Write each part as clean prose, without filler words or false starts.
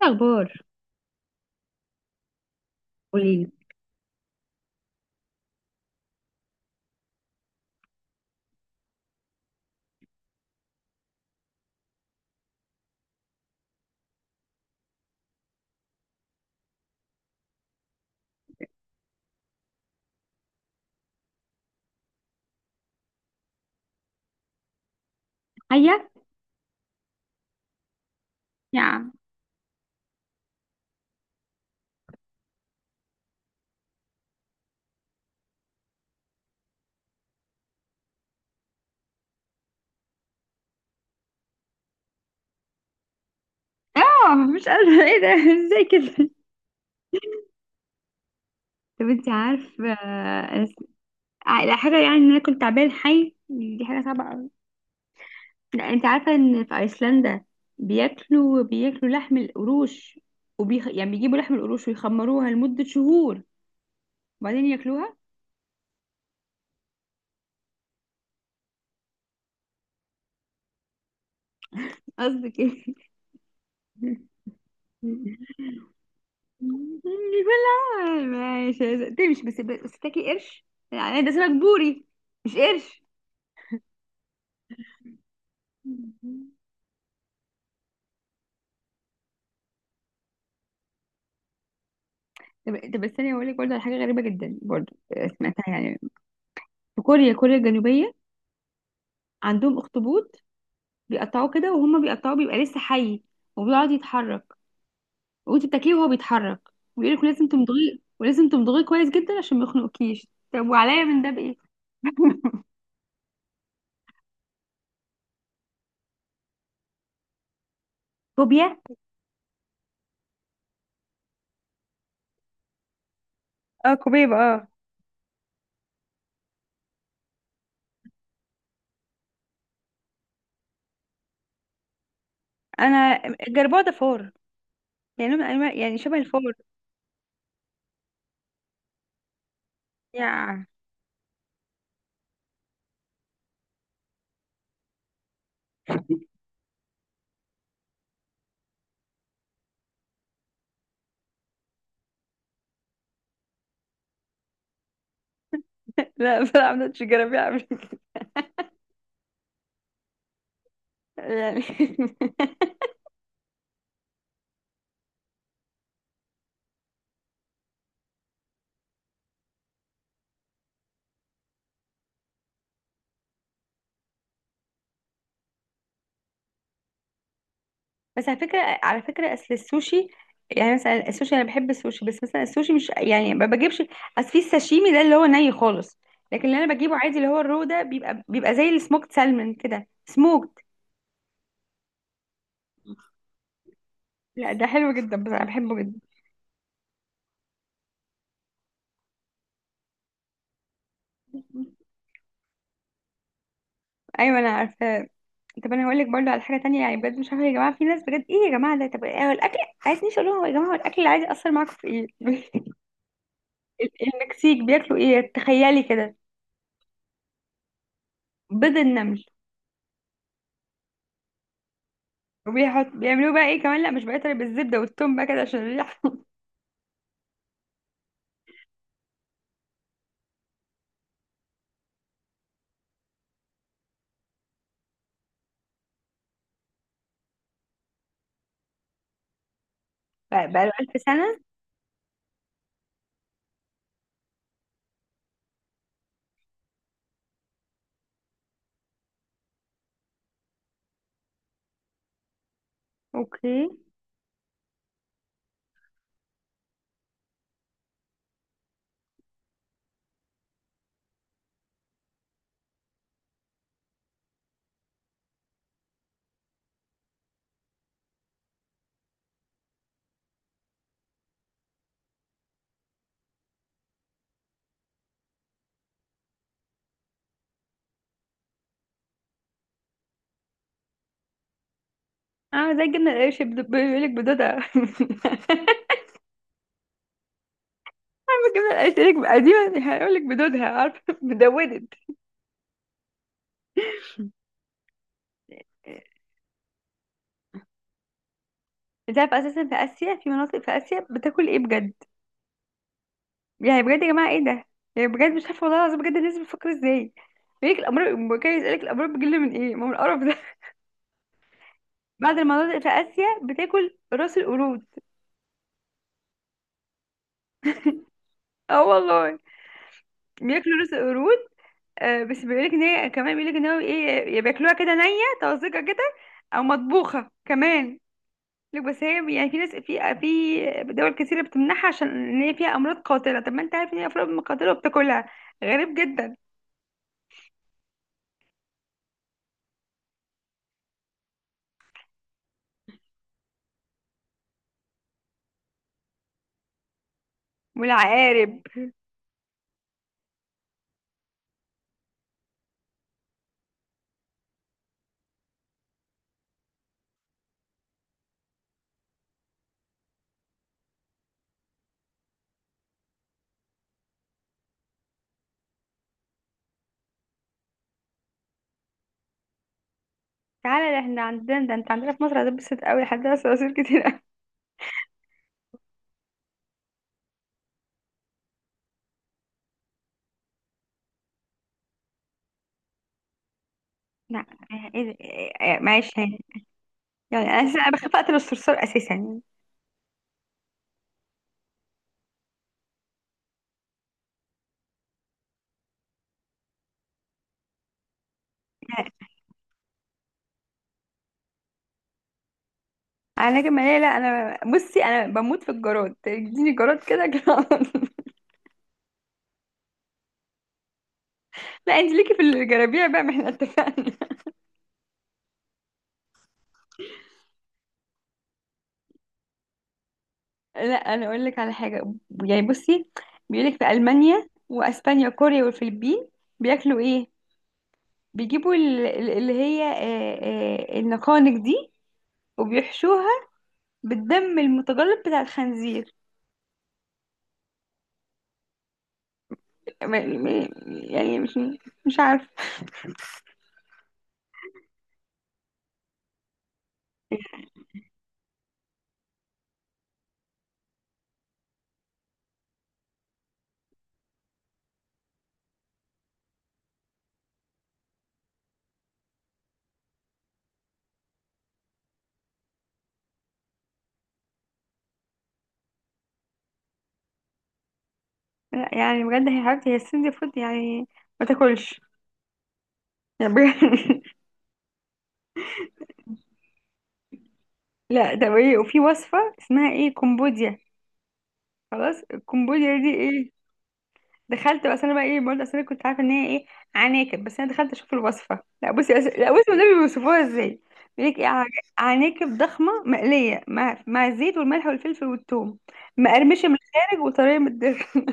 اخبار. قوليلي. حية. يا، اه مش قادرة ايه ده؟ ازاي كده؟ طب انت عارفه، على حاجه، يعني ان انا كنت تعبان حي، دي حاجه صعبه قوي. لا، انت عارفه ان في ايسلندا بياكلوا لحم القروش. يعني بيجيبوا لحم القروش ويخمروها لمده شهور، وبعدين ياكلوها. قصدك ايه؟ بلا، ماشي تمشي، بس تاكلي قرش؟ يعني ده سمك بوري، مش قرش. طب بس انا هقول لك برضه على حاجه غريبه جدا، برضه، سمعتها يعني. في كوريا، كوريا الجنوبيه، عندهم اخطبوط بيقطعوه كده، وهم بيقطعوه بيبقى لسه حي وبيقعد يتحرك، وانت بتاكليه وهو بيتحرك. ويقول لك لازم تمضغيه، ولازم تمضغيه كويس جدا عشان ما يخنقكيش. طب وعليا من ده بايه؟ كوبيا. اه كوبيب اه. انا، الجربوع ده فار، يعني نوع من انواع، يعني شبه الفار. يا، لا، بلعب نوتش جرابيع قبل كده. يعني بس على فكرة، أصل السوشي، يعني مثلا السوشي، أنا بحب السوشي، بس مثلا السوشي مش يعني ما بجيبش. أصل في الساشيمي ده اللي هو ني خالص، لكن اللي أنا بجيبه عادي، اللي هو الرو ده، بيبقى زي السموكت سالمون كده، سموكت. لا، ده حلو جدا، بس أنا بحبه جدا. أيوة أنا عارفة. طب أنا هقول لك برضه على حاجة تانية، يعني بجد، مش عارفة يا جماعة، في ناس بجد، إيه يا جماعة ده، طب إيه هو الأكل؟ عايزنيش أقول لهم، هو يا جماعة هو الأكل العادي أثر معاكم في إيه؟ المكسيك بياكلوا إيه، تخيلي كده؟ بيض النمل. وبيحط، بيعملوه بقى ايه كمان، لا مش بقيت، بالزبده والثوم بقى كده عشان الريحه. بقى له 1000 سنه. اوكي. اه، زي الجبنه القريش، بيقول لك بدودها. عارفة الجبنه القريش، يقول لك قديما، هيقول لك بدودها، عارفه بدودت. انت عارفه اساسا في اسيا، في مناطق في اسيا، بتاكل ايه بجد؟ يعني بجد يا جماعه، ايه ده؟ يعني بجد مش عارفه، والله العظيم بجد، الناس بتفكر ازاي؟ يقول لك الامراض، كان يسالك الامراض بتجيلنا من ايه، ما هو من القرف ده. بعض المناطق في اسيا بتاكل راس القرود. اه والله، بياكلوا راس القرود. بس بيقولك ان هي كمان، بيقولك ان هو ايه، يا بياكلوها كده نية، طازجة كده، او مطبوخة كمان. لك بس هي يعني في ناس في دول كتيرة بتمنعها عشان ان هي فيها امراض قاتلة. طب ما انت عارف ان هي امراض قاتلة وبتاكلها؟ غريب جدا. والعقارب. تعالى، ده احنا عندنا، ده انت عندنا في مصر هتتبسط قوي، عندنا صراصير كتير قوي. لا، ايه ده؟ معلش هاني، يعني انا اساسا انا بخاف اقتل الصرصار اساسا يعني. انا كمان، لا لا، انا بصي انا بموت في الجراد، تديني جراد كده كده. لا، انت ليكي في الجرابيع بقى، ما احنا اتفقنا. لا، انا اقول لك على حاجه، يعني بصي، بيقول لك في المانيا واسبانيا وكوريا والفلبين، بياكلوا ايه؟ بيجيبوا اللي هي، النقانق دي، وبيحشوها بالدم المتجلط بتاع الخنزير. م- م- يعني مش عارفه. لا، يعني بجد، هي حبيبتي هي السن فود يعني، ما تاكلش، يعني بجد. لا ده ايه، وفي وصفه اسمها ايه، كمبوديا. خلاص، الكمبوديا دي ايه؟ دخلت، بس انا بقى ايه برضه، اصل انا كنت عارفه ان هي ايه، عناكب. بس انا دخلت اشوف الوصفه، لا بصي والنبي بيوصفوها ازاي. بيقول لك ايه، عناكب ضخمه مقليه مع الزيت والملح والفلفل والثوم، مقرمشه من الخارج وطريه من الداخل.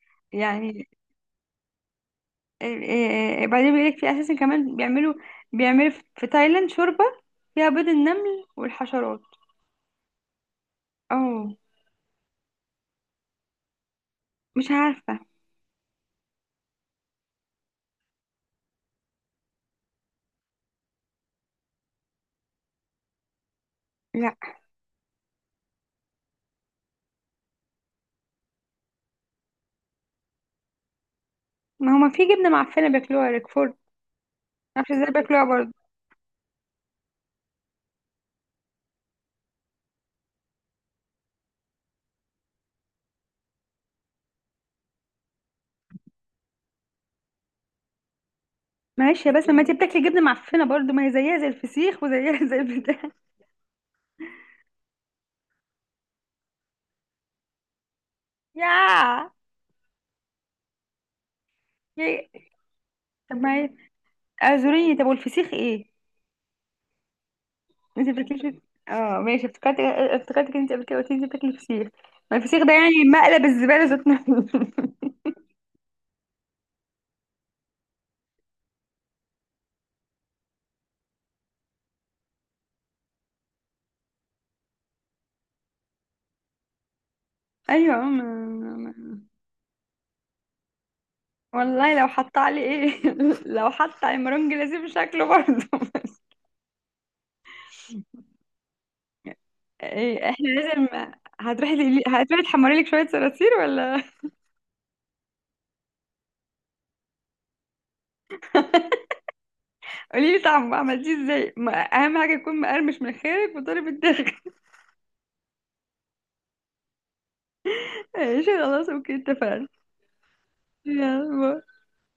يعني، بعدين بيقول لك في اساسا كمان بيعملوا، في تايلاند شوربه، فيها بيض النمل والحشرات. اه، مش عارفه. لا، ما هما في جبنه معفنه بياكلوها، ريكفورد. معرفش ازاي بياكلوها برضه. معلش يا، بس ما انت بتاكلي جبنه معفنه برضو، ما هي زيها زي الفسيخ، وزيها زي البتاع. يا، يا- طب ما هي، اعذريني، طب والفسيخ ايه؟ انت بتاكلي. اه ماشي، افتكرتك انت قبل كده قلت لي انت بتاكلي فسيخ. ما الفسيخ ده يعني مقلب الزباله ذات نفسه. ايوه، ما... ما... والله لو حط علي ايه، لو حط علي مرنج لازم شكله برضو. ايه احنا لازم، هتروحي تحمري لك شويه صراصير ولا؟ قولي لي طعمه عملتيه ازاي، اهم حاجه يكون مقرمش من خارج وطري من الداخل. ماشي خلاص، اوكي اتفقنا. يلا باي.